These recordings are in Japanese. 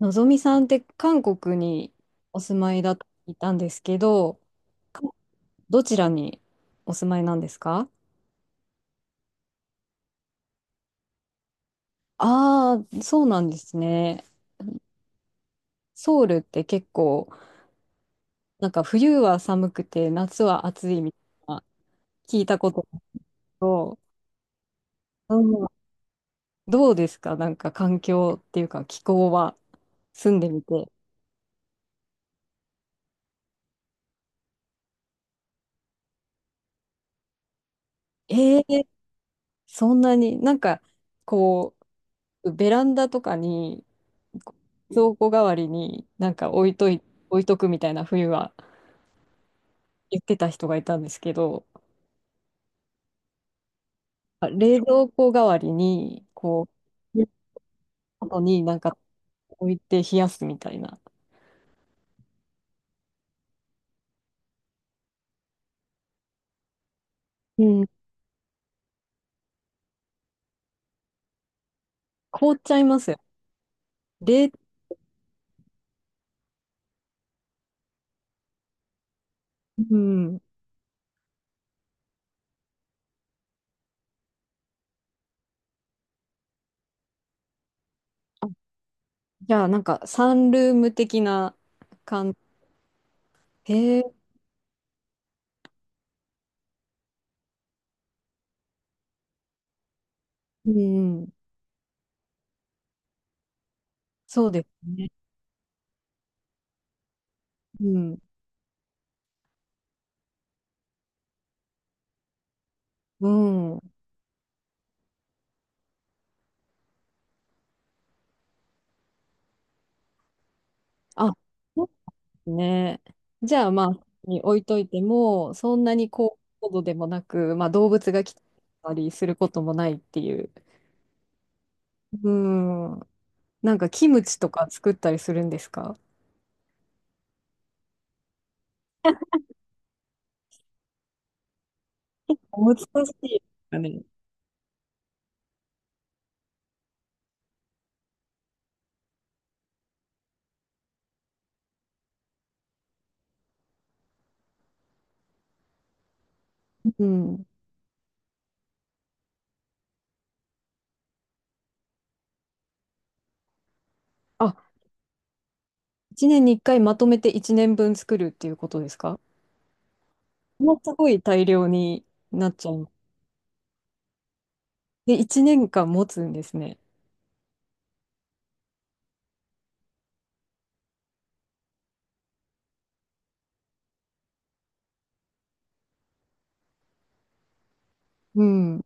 のぞみさんって韓国にお住まいだと聞いたんですけど、かどちらにお住まいなんですか？ああー、そうなんですね。ソウルって結構、なんか冬は寒くて夏は暑いみたいな、聞いたことと、うん。どうですか？なんか環境っていうか気候は、住んでみて。ええ、そんなになんか、こう、ベランダとかに蔵庫代わりになんか置いとくみたいな、冬は言ってた人がいたんですけど、あ、冷蔵庫代わりに、こう、後になんか置いて冷やすみたいな。うん、凍っちゃいますよ。冷、うん。あ、じゃあなんかサンルーム的な感じ。へえ、うん、そうですね。うん、うん。あ、そね。じゃあまあ、に置いといても、そんなに高高度でもなく、まあ動物が来たりすることもないっていう。うん。なんかキムチとか作ったりするんですか？難しいですかね。うん。あ、1年に1回まとめて1年分作るっていうことですか？もうすごい大量になっちゃう。で、1年間持つんですね。うん。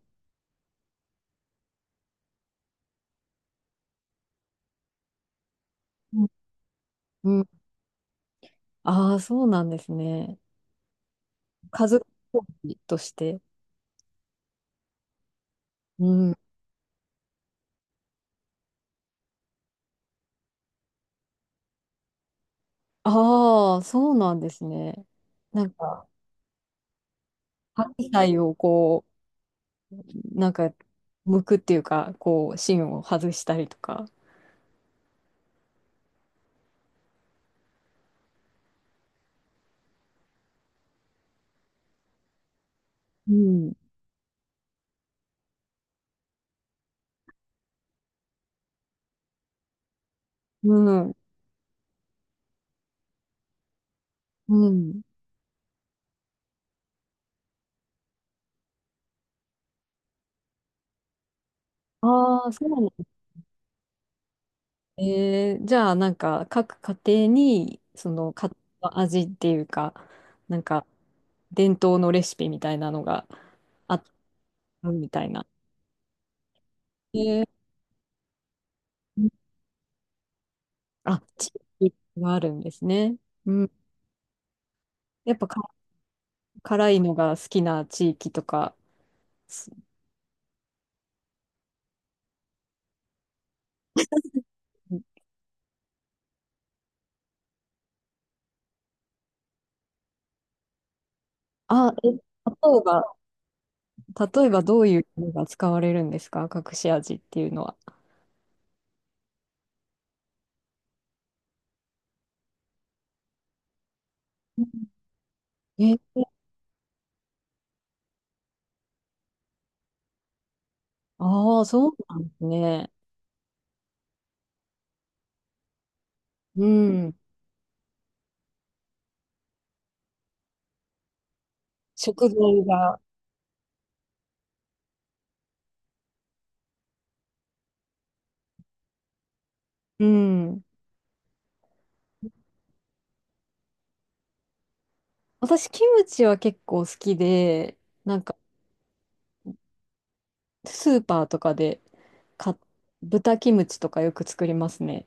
うん。ああ、そうなんですね。家族料理として。うん。ああ、そうなんですね。なんか、白菜をこう、なんか、剥くっていうか、こう、芯を外したりとか。うん。うん。うん。ああ、そうなんですね。じゃあ、なんか、各家庭に、その、家庭の味っていうか、なんか、伝統のレシピみたいなのがあったみたいな。えー、あ、地域があるんですね。うん。やっぱか、辛いのが好きな地域とか。あ、え、えば、例えばどういうのが使われるんですか？隠し味っていうのは。え、ああー、そうなんですね。うん。食材が。うん。私、キムチは結構好きで、なんか、スーパーとかで買っ、豚キムチとかよく作りますね。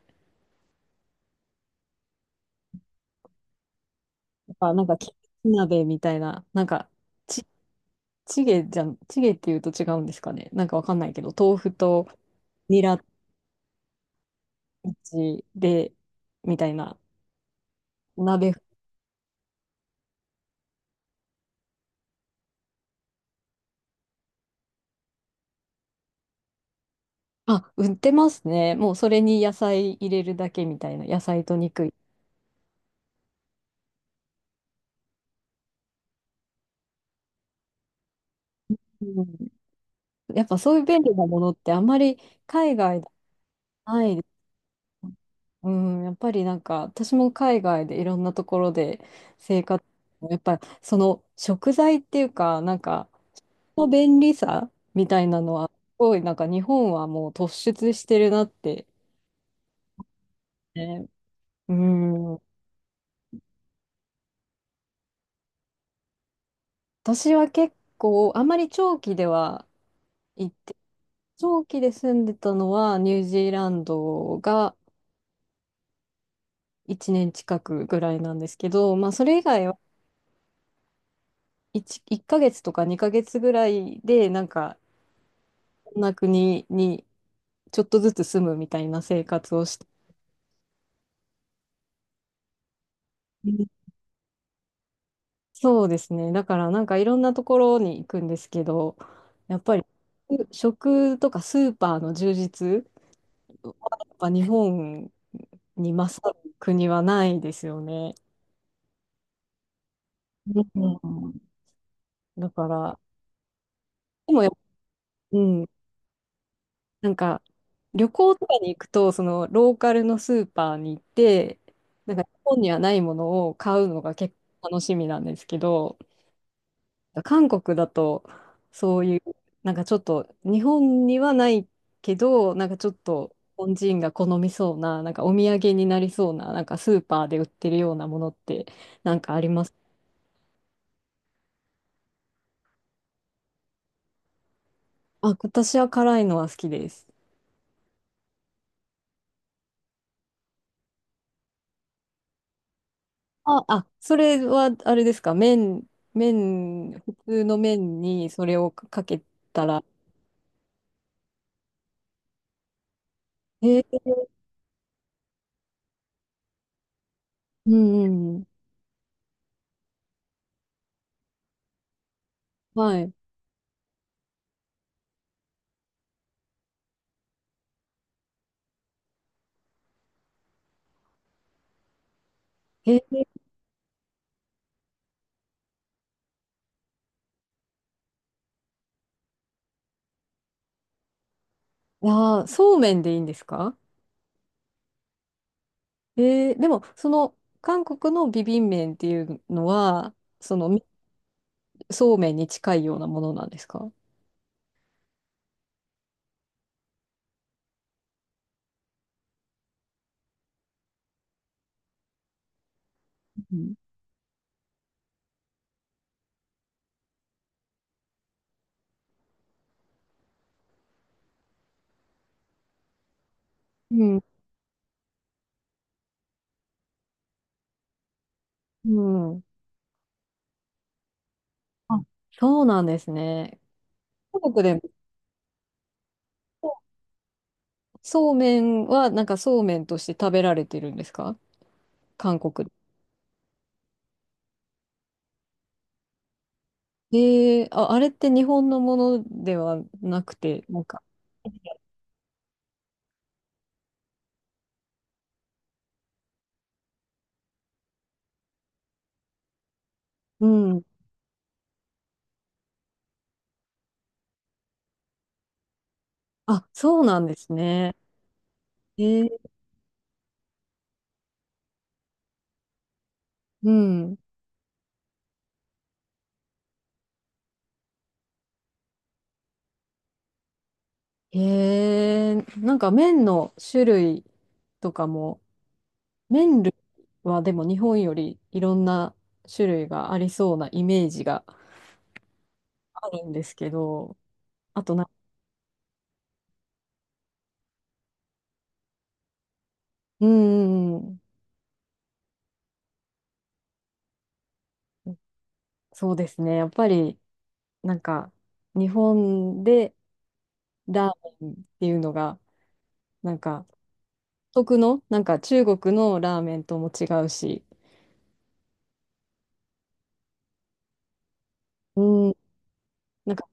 やっぱなんか、キムチ鍋みたいな、なんか、ち、チゲじゃん、チゲっていうと違うんですかね。なんかわかんないけど、豆腐とニラキムチで、みたいな。鍋、あ、売ってますね。もうそれに野菜入れるだけみたいな、野菜と肉。うん、やっぱそういう便利なものってあんまり海外でないです。うん、やっぱりなんか私も海外でいろんなところで生活、やっぱその食材っていうか、なんかの便利さみたいなのは、すごいなんか日本はもう突出してるなって。ね、うん、私は結構あんまり長期では行って長期で住んでたのはニュージーランドが1年近くぐらいなんですけど、まあ、それ以外は 1, ヶ月とか2ヶ月ぐらいでなんかこんな国にちょっとずつ住むみたいな生活をして、うん、そうですね。だからなんかいろんなところに行くんですけど、やっぱり食とかスーパーの充実はやっぱ日本に勝る国はないですよね。うん。だからでもやっぱ、うん、なんか、旅行とかに行くと、そのローカルのスーパーに行って、なんか日本にはないものを買うのが結構楽しみなんですけど、韓国だと、そういう、なんかちょっと、日本にはないけど、なんかちょっと、日本人が好みそうな、なんかお土産になりそうな、なんかスーパーで売ってるようなものって、なんかあります？あ、私は辛いのは好きです。あ、あ、それはあれですか？麺、普通の麺にそれをかけたら、えー、うんうん、はい。えー、あー、そうめんでいいんですか？でも、その、韓国のビビン麺っていうのは、その、そうめんに近いようなものなんですか？うん。うん。あ、そうなんですね。韓国でも、そうめんは、なんかそうめんとして食べられてるんですか？韓国？ええ、あ、あれって日本のものではなくて、なんか、うん。あ、そうなんですね。ええ、うん。ええ、なんか麺の種類とかも、麺類はでも日本よりいろんな種類がありそうなイメージがあるんですけど、あとな、うん、うんうん、そうですね。やっぱり、なんか、日本でラーメンっていうのが、なんか、独特の、なんか中国のラーメンとも違うし、うん、なんか、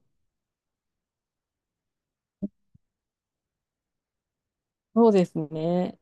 そうですね。